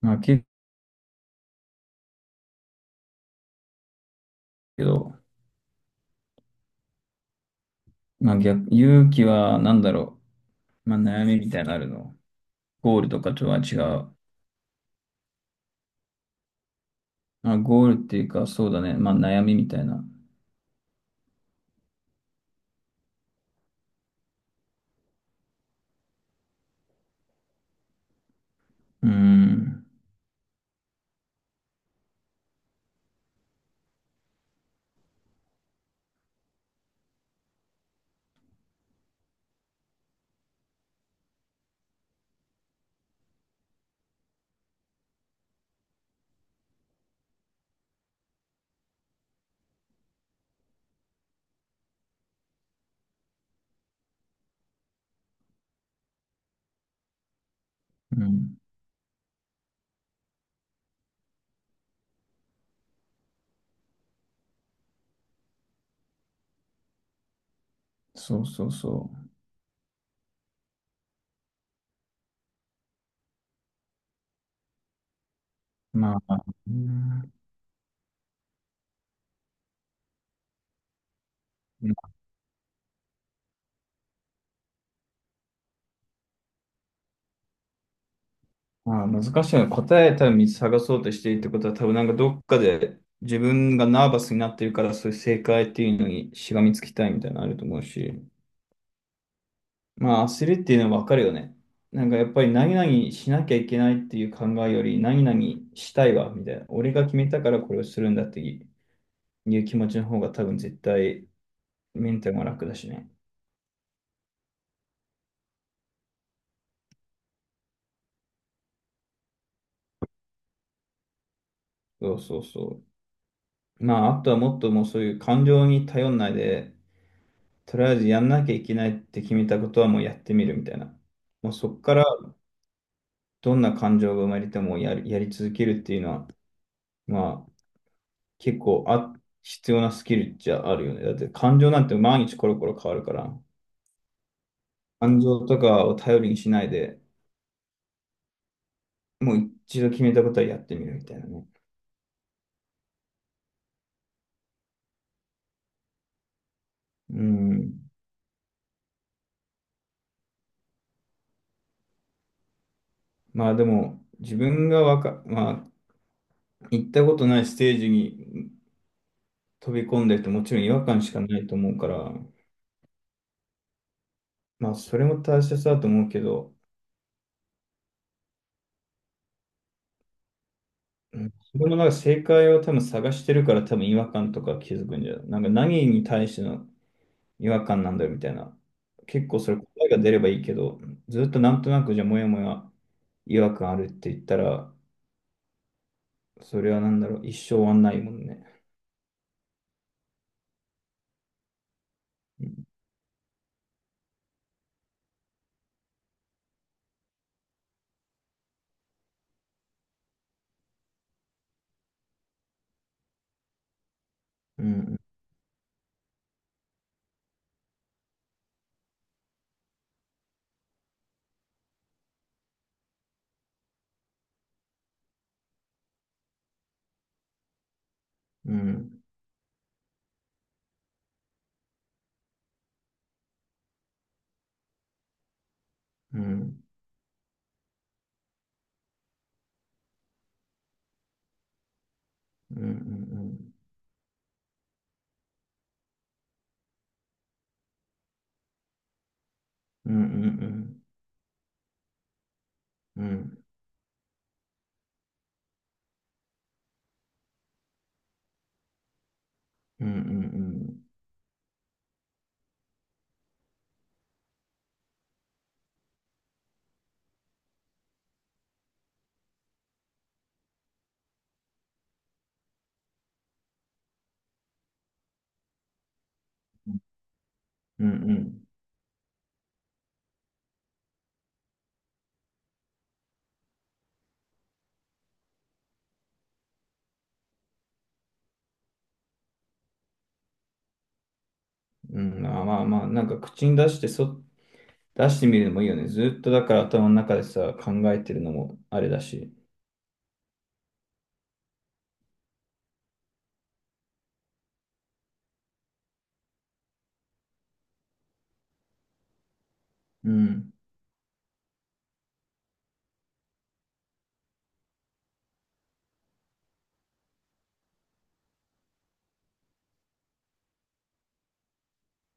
まあ、けど、まあ逆、勇気は何だろう。まあ、悩みみたいなのあるの。ゴールとかとは違う。まあ、ゴールっていうか、そうだね。まあ、悩みみたいな。うーん。うん。そうそうそう。まあ、うん。まあ、難しいの。答え多分探そうとしているってことは、多分なんかどっかで自分がナーバスになってるから、そういう正解っていうのにしがみつきたいみたいなのあると思うし。まあ、焦るっていうのはわかるよね。なんかやっぱり何々しなきゃいけないっていう考えより、何々したいわ、みたいな。俺が決めたからこれをするんだっていう気持ちの方が多分絶対メンタルが楽だしね。そうそうそう。まあ、あとはもっともうそういう感情に頼んないで、とりあえずやんなきゃいけないって決めたことはもうやってみるみたいな。もうそこからどんな感情が生まれてもやり続けるっていうのは、まあ、結構必要なスキルっゃあるよね。だって感情なんて毎日コロコロ変わるから、感情とかを頼りにしないで、もう一度決めたことはやってみるみたいなね。うん。まあでも、自分がわか、まあ、行ったことないステージに飛び込んでるともちろん違和感しかないと思うから、まあそれも大切だと思うけど、うん、自分のなんか正解を多分探してるから多分違和感とか気づくんじゃない、なんか何に対しての違和感なんだよみたいな。結構それ答えが出ればいいけど、ずっとなんとなくじゃあもやもや違和感あるって言ったら、それはなんだろう、一生終わんないもんね。うん、うん、うん、うん、うん、うん、うん、うん、うん、うん、うん、うん、うん、うん、まあまあまあ、なんか口に出して出してみるのもいいよね。ずっとだから頭の中でさ、考えてるのもあれだし。うん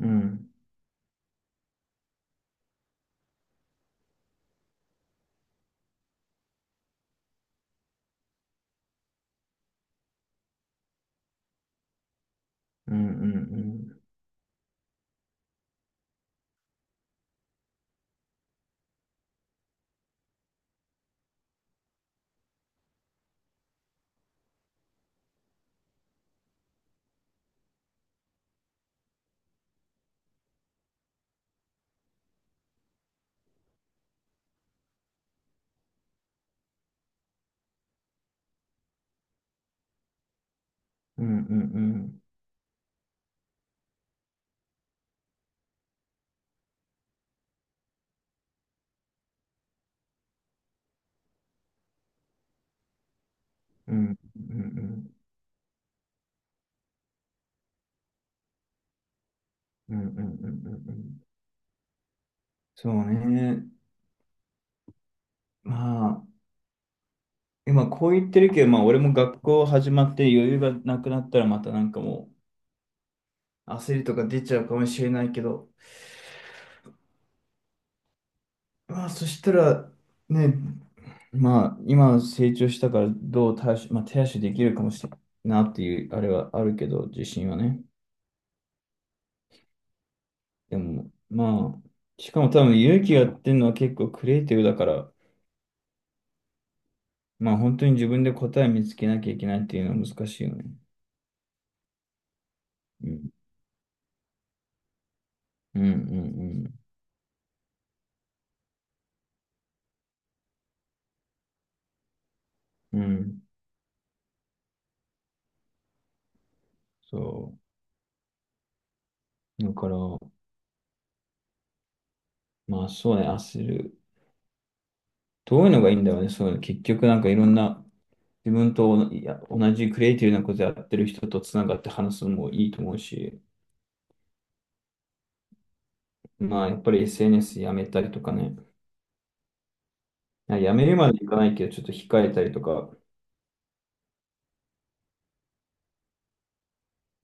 うん、うん、うん、うん、うん、うん、うん、うん、うん、うん、うん、うん、うん、うんうん、そうね。まあ、今こう言ってるけど、まあ俺も学校始まって余裕がなくなったらまたなんかもう焦りとか出ちゃうかもしれないけど、まあそしたらね、まあ今成長したからどう対処、まあ、手足できるかもしれないなっていうあれはあるけど、自信はね。でもまあ、しかも多分勇気がやってるのは結構クリエイティブだから、まあ本当に自分で答え見つけなきゃいけないっていうのは難しいよね。うんうんうん。うん。そう。だから、まあそうね、焦る。どういうのがいいんだろうね。そうね、結局なんかいろんな、自分といや同じクリエイティブなことやってる人とつながって話すのもいいと思うし、まあやっぱり SNS やめたりとかね。いや、やめるまでいかないけど、ちょっと控えたりとか、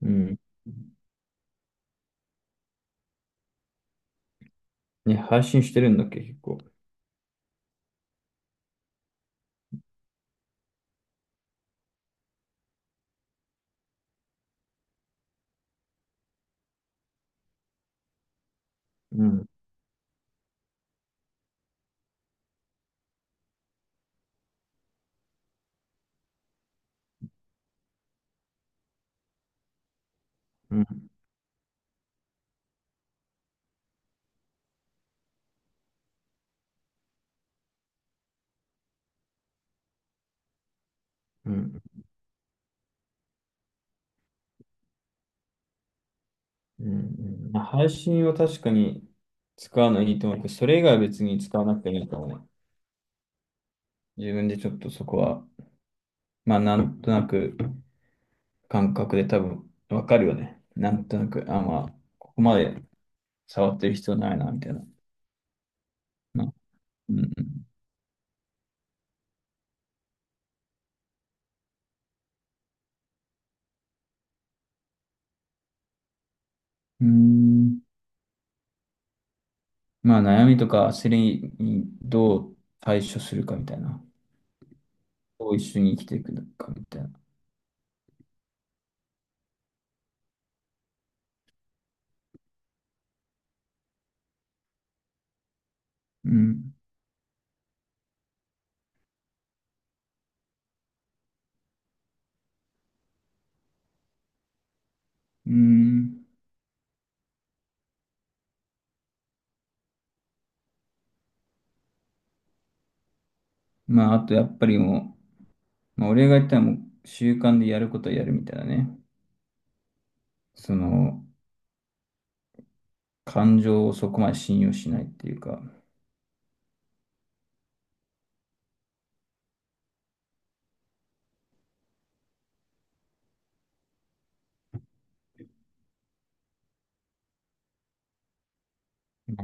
うん。ね、配信してるんだっけ、結構。うん。うん。うん。うんうん、まあ配信は確かに使うのいいと思うけど、それ以外は別に使わなくていいと思うね。自分でちょっとそこは、まあなんとなく感覚で多分わかるよね。なんとなく、あ、まあ、ここまで触ってる必要ないな、みたいな。な、うんうん。うーん。まあ悩みとか焦りにどう対処するかみたいな。どう一緒に生きていくのかみたいな。うん。うーん。まああとやっぱりもう、まあ俺が言ったらもう習慣でやることはやるみたいなね。その、感情をそこまで信用しないっていうか、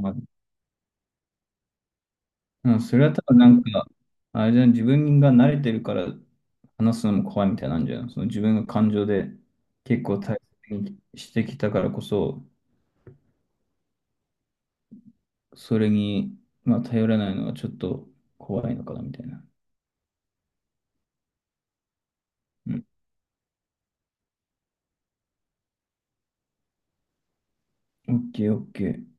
まあうん、それは多分なんか、あれじゃん、自分が慣れてるから話すのも怖いみたいなんじゃん。その自分が感情で結構大切にしてきたからこそ、それに、まあ、頼らないのはちょっと怖いのかなみたいな。うん。オッケー、オッケー。